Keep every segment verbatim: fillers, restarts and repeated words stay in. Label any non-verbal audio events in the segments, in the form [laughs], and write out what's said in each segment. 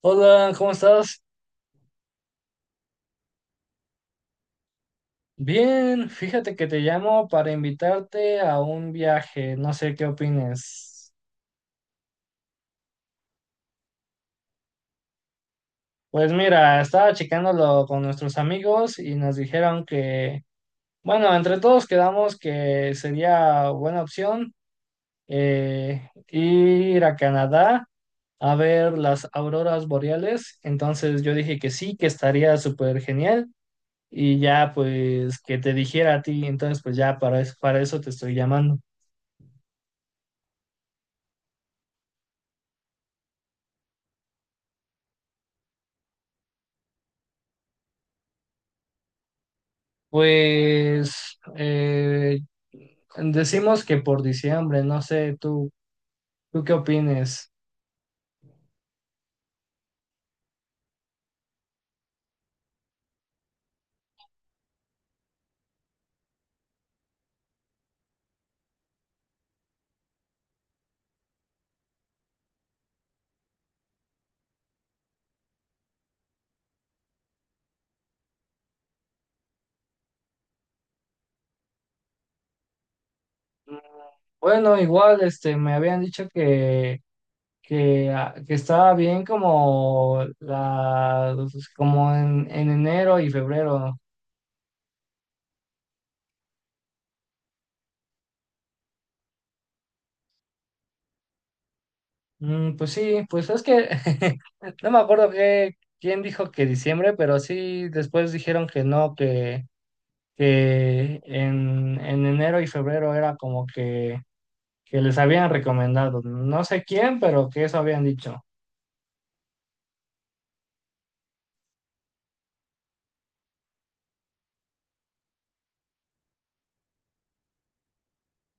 Hola, ¿cómo estás? Bien, fíjate que te llamo para invitarte a un viaje, no sé qué opines. Pues mira, estaba checándolo con nuestros amigos y nos dijeron que, bueno, entre todos quedamos que sería buena opción eh, ir a Canadá a ver las auroras boreales. Entonces yo dije que sí, que estaría súper genial y ya pues que te dijera a ti, entonces pues ya para eso, para eso te estoy llamando. Pues eh, decimos que por diciembre, no sé, tú, ¿tú qué opines? Bueno, igual, este, me habían dicho que, que, ah, que estaba bien como la, pues, como en, en enero y febrero. Mm, pues sí, pues es que [laughs] no me acuerdo que, quién dijo que diciembre, pero sí después dijeron que no, que, que en, en enero y febrero era como que que les habían recomendado. No sé quién, pero que eso habían dicho.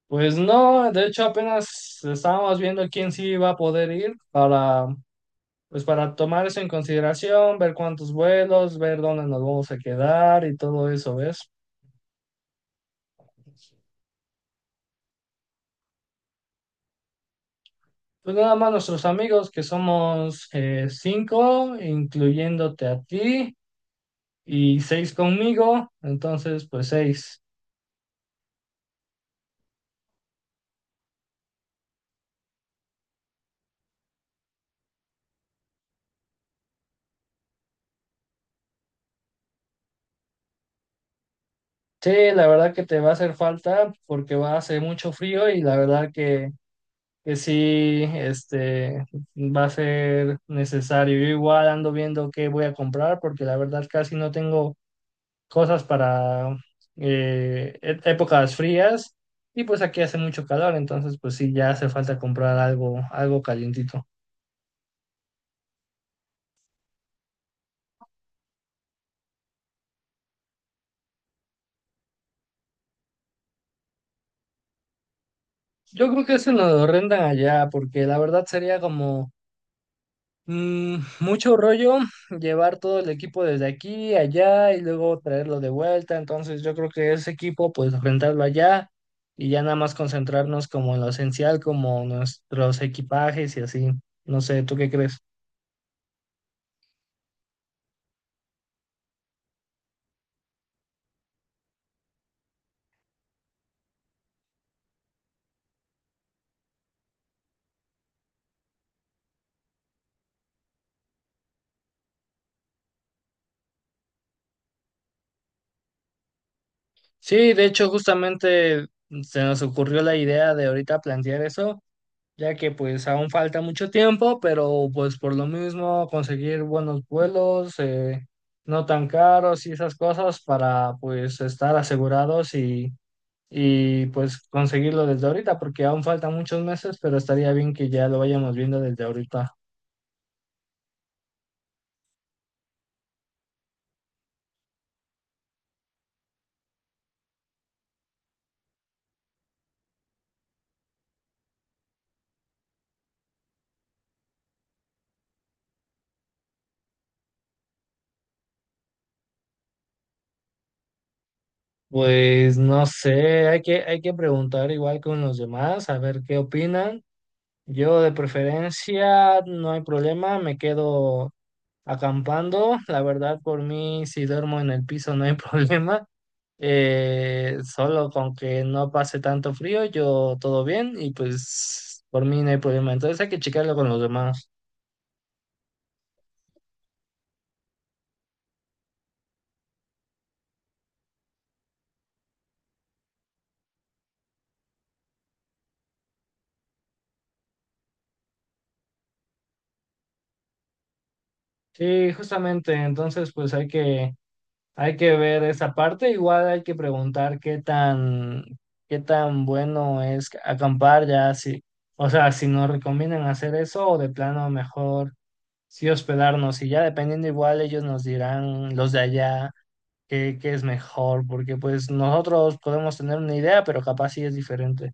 Pues no, de hecho apenas estábamos viendo quién sí iba a poder ir para, pues para tomar eso en consideración, ver cuántos vuelos, ver dónde nos vamos a quedar y todo eso, ¿ves? Pues nada más nuestros amigos, que somos eh, cinco, incluyéndote a ti, y seis conmigo, entonces pues seis. Sí, la verdad que te va a hacer falta porque va a hacer mucho frío y la verdad que que sí, este, va a ser necesario. Yo igual ando viendo qué voy a comprar porque la verdad casi no tengo cosas para eh, e- épocas frías y pues aquí hace mucho calor, entonces pues sí, ya hace falta comprar algo, algo calientito. Yo creo que eso nos lo rentan allá porque la verdad sería como mm, mucho rollo llevar todo el equipo desde aquí, allá y luego traerlo de vuelta. Entonces yo creo que ese equipo pues rentarlo allá y ya nada más concentrarnos como en lo esencial, como nuestros equipajes y así. No sé, ¿tú qué crees? Sí, de hecho justamente se nos ocurrió la idea de ahorita plantear eso, ya que pues aún falta mucho tiempo, pero pues por lo mismo conseguir buenos vuelos, eh, no tan caros y esas cosas para pues estar asegurados y, y pues conseguirlo desde ahorita, porque aún faltan muchos meses, pero estaría bien que ya lo vayamos viendo desde ahorita. Pues no sé, hay que, hay que preguntar igual con los demás, a ver qué opinan. Yo de preferencia, no hay problema, me quedo acampando, la verdad, por mí, si duermo en el piso no hay [laughs] problema. Eh, solo con que no pase tanto frío, yo todo bien y pues por mí no hay problema. Entonces hay que checarlo con los demás. Sí, justamente, entonces pues hay que, hay que ver esa parte. Igual hay que preguntar qué tan, qué tan bueno es acampar ya, si, o sea, si nos recomiendan hacer eso o de plano mejor sí hospedarnos y ya dependiendo igual ellos nos dirán los de allá qué, qué es mejor, porque pues nosotros podemos tener una idea, pero capaz sí es diferente.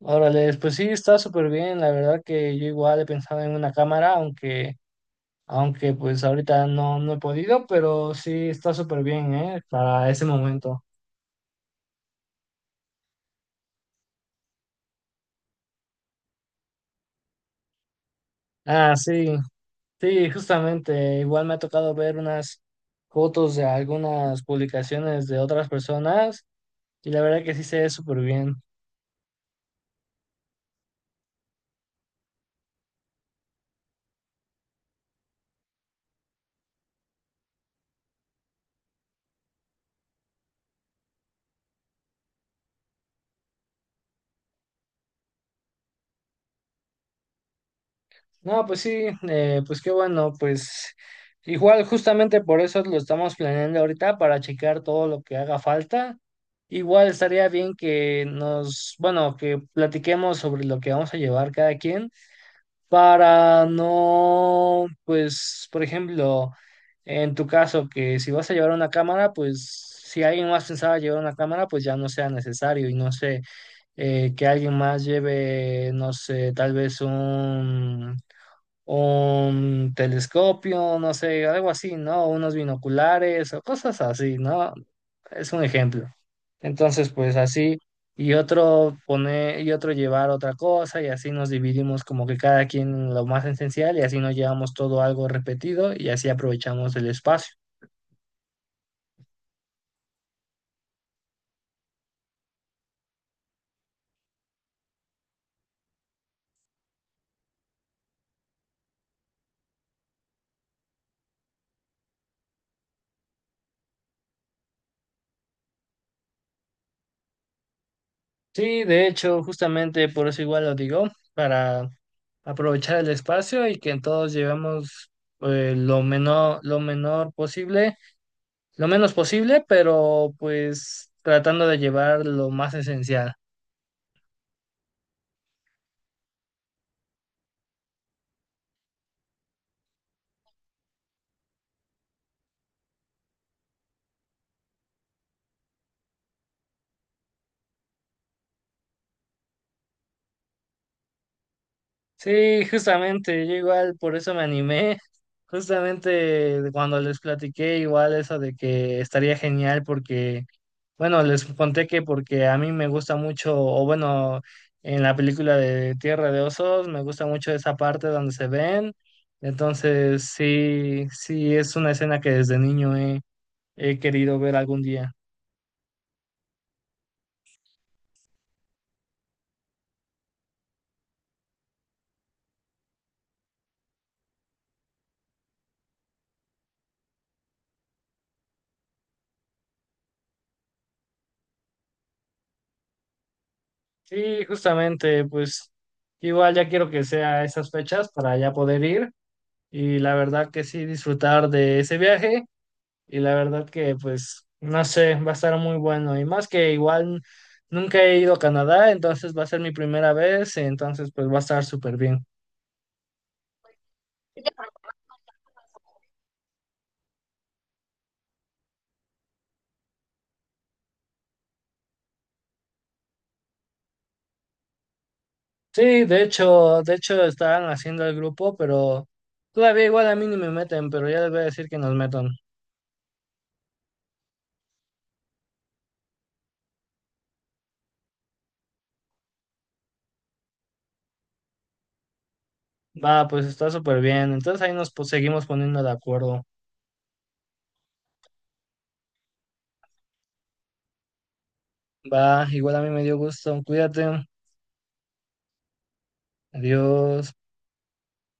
Órale, pues sí, está súper bien, la verdad que yo igual he pensado en una cámara, aunque, aunque pues ahorita no, no he podido, pero sí está súper bien, ¿eh? Para ese momento. Ah, sí, sí, justamente, igual me ha tocado ver unas fotos de algunas publicaciones de otras personas y la verdad que sí se ve súper bien. No, pues sí, eh, pues qué bueno, pues igual justamente por eso lo estamos planeando ahorita para checar todo lo que haga falta. Igual estaría bien que nos, bueno, que platiquemos sobre lo que vamos a llevar cada quien para no, pues, por ejemplo, en tu caso, que si vas a llevar una cámara, pues si alguien más pensaba llevar una cámara, pues ya no sea necesario y no sé, eh, que alguien más lleve, no sé, tal vez un un telescopio, no sé, algo así, ¿no? Unos binoculares o cosas así, ¿no? Es un ejemplo. Entonces, pues así, y otro poner, y otro llevar otra cosa, y así nos dividimos como que cada quien lo más esencial, y así nos llevamos todo algo repetido, y así aprovechamos el espacio. Sí, de hecho, justamente por eso igual lo digo, para aprovechar el espacio y que todos llevemos eh, lo menor, lo menor posible, lo menos posible, pero pues tratando de llevar lo más esencial. Sí, justamente, yo igual por eso me animé. Justamente cuando les platiqué igual eso de que estaría genial porque, bueno, les conté que porque a mí me gusta mucho, o bueno, en la película de Tierra de Osos, me gusta mucho esa parte donde se ven. Entonces, sí, sí, es una escena que desde niño he he querido ver algún día. Sí, justamente, pues igual ya quiero que sea esas fechas para ya poder ir y la verdad que sí disfrutar de ese viaje y la verdad que pues no sé, va a estar muy bueno y más que igual nunca he ido a Canadá, entonces va a ser mi primera vez, entonces pues va a estar súper bien. Sí, de hecho, de hecho estaban haciendo el grupo, pero todavía igual a mí ni me meten, pero ya les voy a decir que nos metan. Va, pues está súper bien, entonces ahí nos pues, seguimos poniendo de acuerdo. Va, igual a mí me dio gusto. Cuídate. Adiós.